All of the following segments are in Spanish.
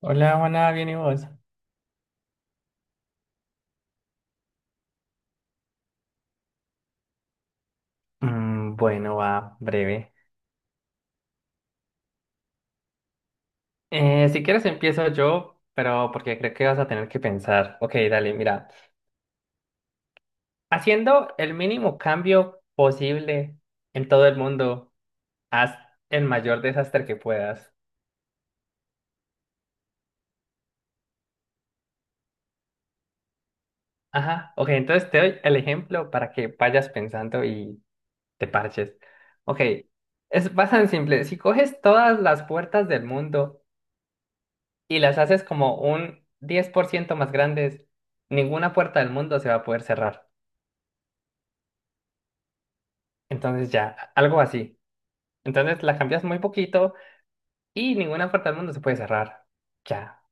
Hola, Juana, ¿bien y vos? Bueno, va, breve. Si quieres empiezo yo, pero porque creo que vas a tener que pensar. Ok, dale, mira. Haciendo el mínimo cambio posible en todo el mundo, haz el mayor desastre que puedas. Ajá, ok, entonces te doy el ejemplo para que vayas pensando y te parches. Ok, es bastante simple. Si coges todas las puertas del mundo y las haces como un 10% más grandes, ninguna puerta del mundo se va a poder cerrar. Entonces ya, algo así. Entonces la cambias muy poquito y ninguna puerta del mundo se puede cerrar. Ya,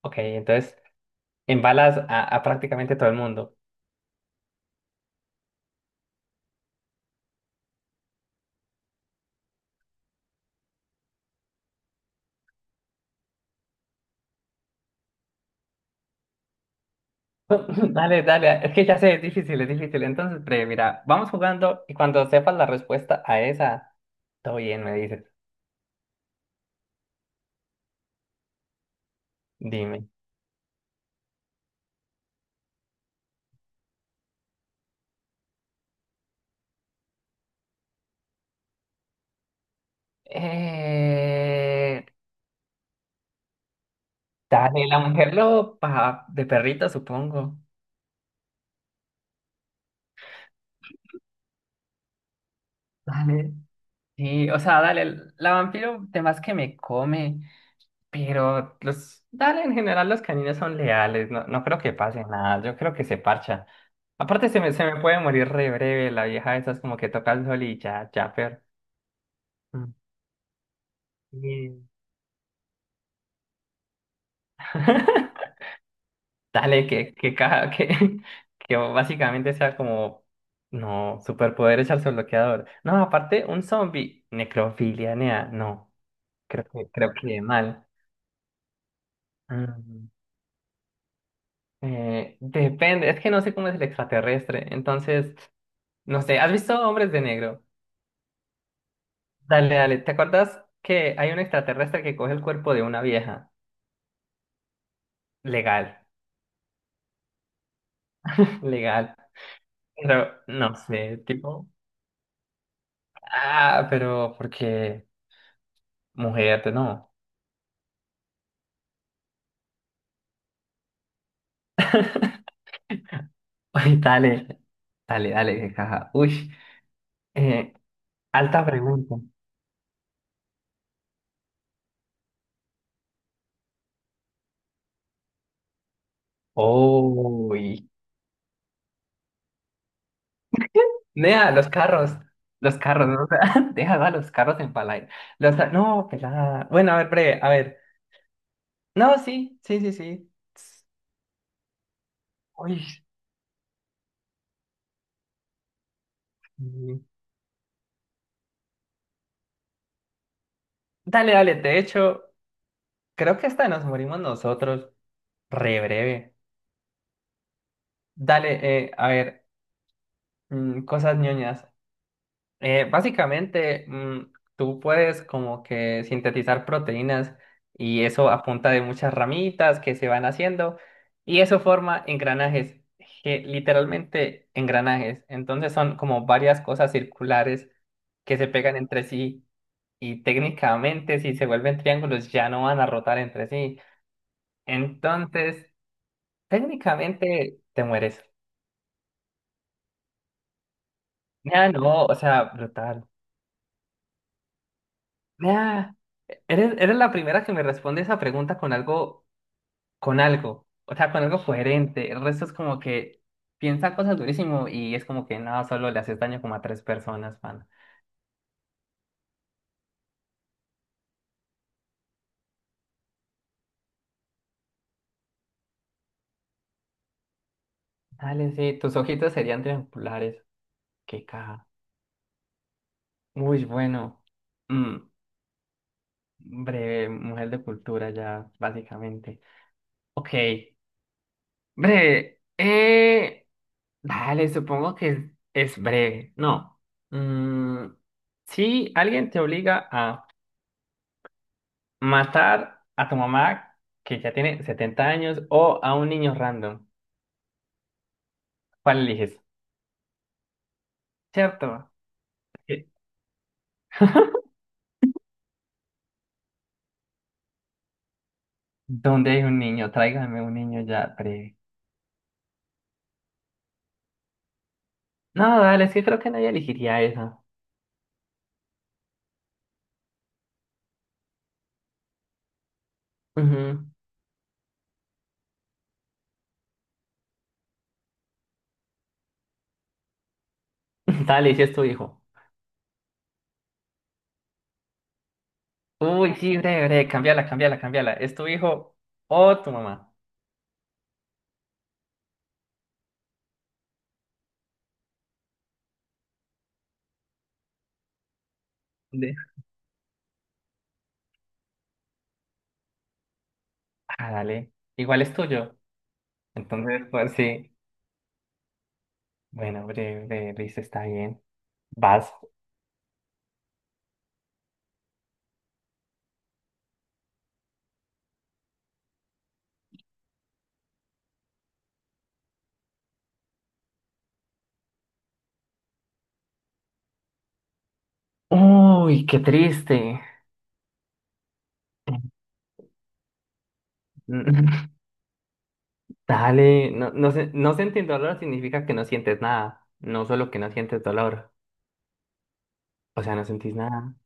ok, entonces embalas a prácticamente todo el mundo. Dale, dale, es que ya sé, es difícil, es difícil. Entonces, pre, mira, vamos jugando y cuando sepas la respuesta a esa, todo bien, me dices, dime. Eh, Dale, la mujer loba, de perrito, supongo. Dale. Sí, o sea, dale, la vampiro, temas que me come, pero los, dale, en general los caninos son leales, no, no creo que pase nada, yo creo que se parcha. Aparte se me puede morir re breve, la vieja esa es como que toca el sol y ya, ya, pero mm, bien. Dale, caja, que básicamente sea como, no, superpoder echarse bloqueador. No, aparte, un zombie, necrofilia, nea, no, creo que mal. Mm. Depende, es que no sé cómo es el extraterrestre, entonces, no sé, ¿has visto Hombres de Negro? Dale, dale, ¿te acuerdas que hay un extraterrestre que coge el cuerpo de una vieja? Legal, legal, pero no sé, tipo, ah, pero porque mujer, no. Ay, dale, dale, dale, qué caja. Uy, eh, alta pregunta. Uy. Nea, los carros, ¿no? O sea, deja a los carros en palay. Los, no, pelada. Bueno, a ver, breve, a ver. No, sí, sí, sí, sí. Ts- Uy. Sí. Dale, dale, de hecho, creo que hasta nos morimos nosotros. Re breve. Dale, a ver, cosas ñoñas. Básicamente, tú puedes como que sintetizar proteínas y eso a punta de muchas ramitas que se van haciendo y eso forma engranajes, que literalmente engranajes. Entonces son como varias cosas circulares que se pegan entre sí y técnicamente si se vuelven triángulos ya no van a rotar entre sí. Entonces, técnicamente te mueres. Ya no, o sea, brutal. Vea, eres, eres la primera que me responde esa pregunta con algo, o sea, con algo coherente. El resto es como que piensa cosas durísimo y es como que no, solo le haces daño como a tres personas, pana. Dale, sí, tus ojitos serían triangulares. Qué caja. Uy, bueno. Mm, breve, mujer de cultura ya, básicamente. Ok, breve. Dale, supongo que es breve. No. Mm, si alguien te obliga a matar a tu mamá, que ya tiene 70 años, o a un niño random. ¿Cuál eliges? ¿Cierto? ¿Qué? ¿Dónde hay un niño? Tráigame un niño ya breve. No, dale, es que creo que nadie elegiría esa. Ujú. Dale, si es tu hijo. Uy, sí, breve, breve, cambiala, cambiala, cambiala. ¿Es tu hijo o tu mamá? De- Ah, dale. Igual es tuyo. Entonces, pues sí. Bueno, breve, breve, listo, está bien. Vas. Uy, qué triste. Dale, no, no, se- no sentir dolor significa que no sientes nada, no solo que no sientes dolor, o sea, no sentís nada.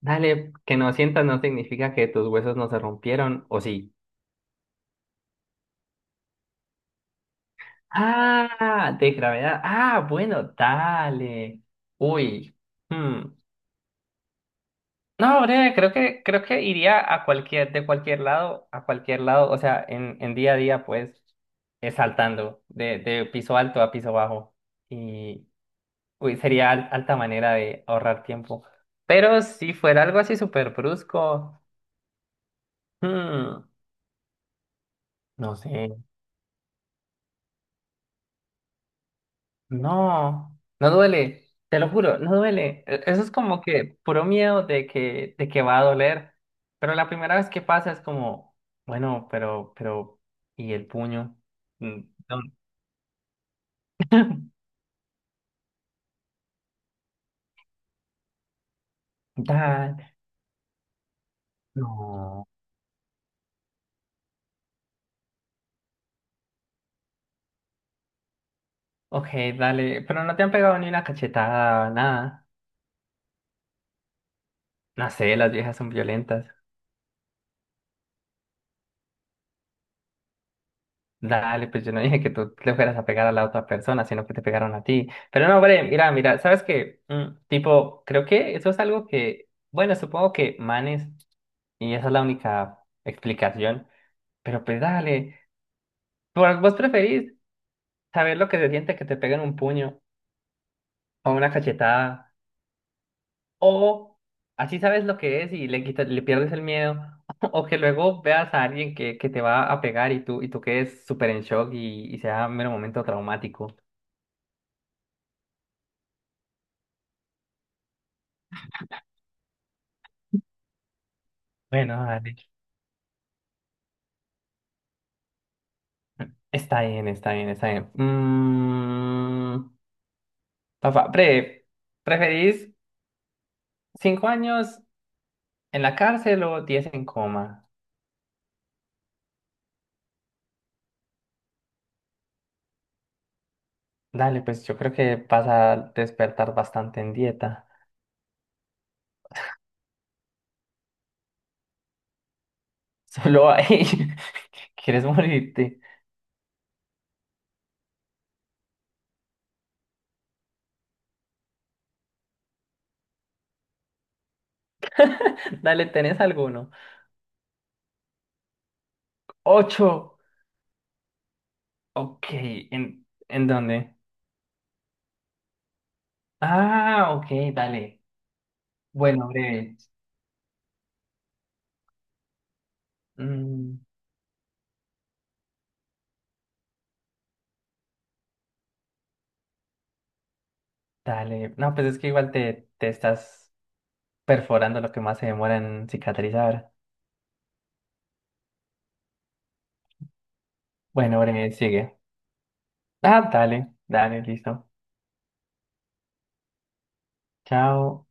Dale, que no sientas no significa que tus huesos no se rompieron, o sí. Ah, de gravedad. Ah, bueno, dale. Uy. Hmm. No, breve, creo que iría a cualquier, de cualquier lado, a cualquier lado, o sea, en día a día, pues, saltando de piso alto a piso bajo. Y uy, sería al- alta manera de ahorrar tiempo. Pero si fuera algo así súper brusco, hmm, no sé, no, no duele, te lo juro, no duele. E- Eso es como que puro miedo de que va a doler. Pero la primera vez que pasa es como, bueno, pero, ¿y el puño? Mm, no, dale, no. Ok, dale, pero no te han pegado ni una cachetada, nada. No sé, las viejas son violentas. Dale, pues yo no dije que tú le fueras a pegar a la otra persona, sino que te pegaron a ti. Pero no, hombre, mira, mira, ¿sabes qué? Tipo, creo que eso es algo que, bueno, supongo que manes, y esa es la única explicación, pero pues dale, por- vos preferís saber lo que se siente que te peguen un puño o una cachetada, o así sabes lo que es y le quitas, le pierdes el miedo, o que luego veas a alguien que te va a pegar y tú quedes súper en shock y sea un mero momento traumático. Bueno, dale. Está bien, está bien, está bien. Papá, pre, ¿preferís 5 años en la cárcel o 10 en coma? Dale, pues yo creo que vas a despertar bastante en dieta. Solo ahí. ¿Quieres morirte? Dale, ¿tenés alguno? 8. Ok, en dónde? Ah, ok, dale. Bueno, breve. Mm, dale. No, pues es que igual te, te estás perforando lo que más se demora en cicatrizar. Bueno, Bre, sigue. Ah, dale, dale, listo. Chao.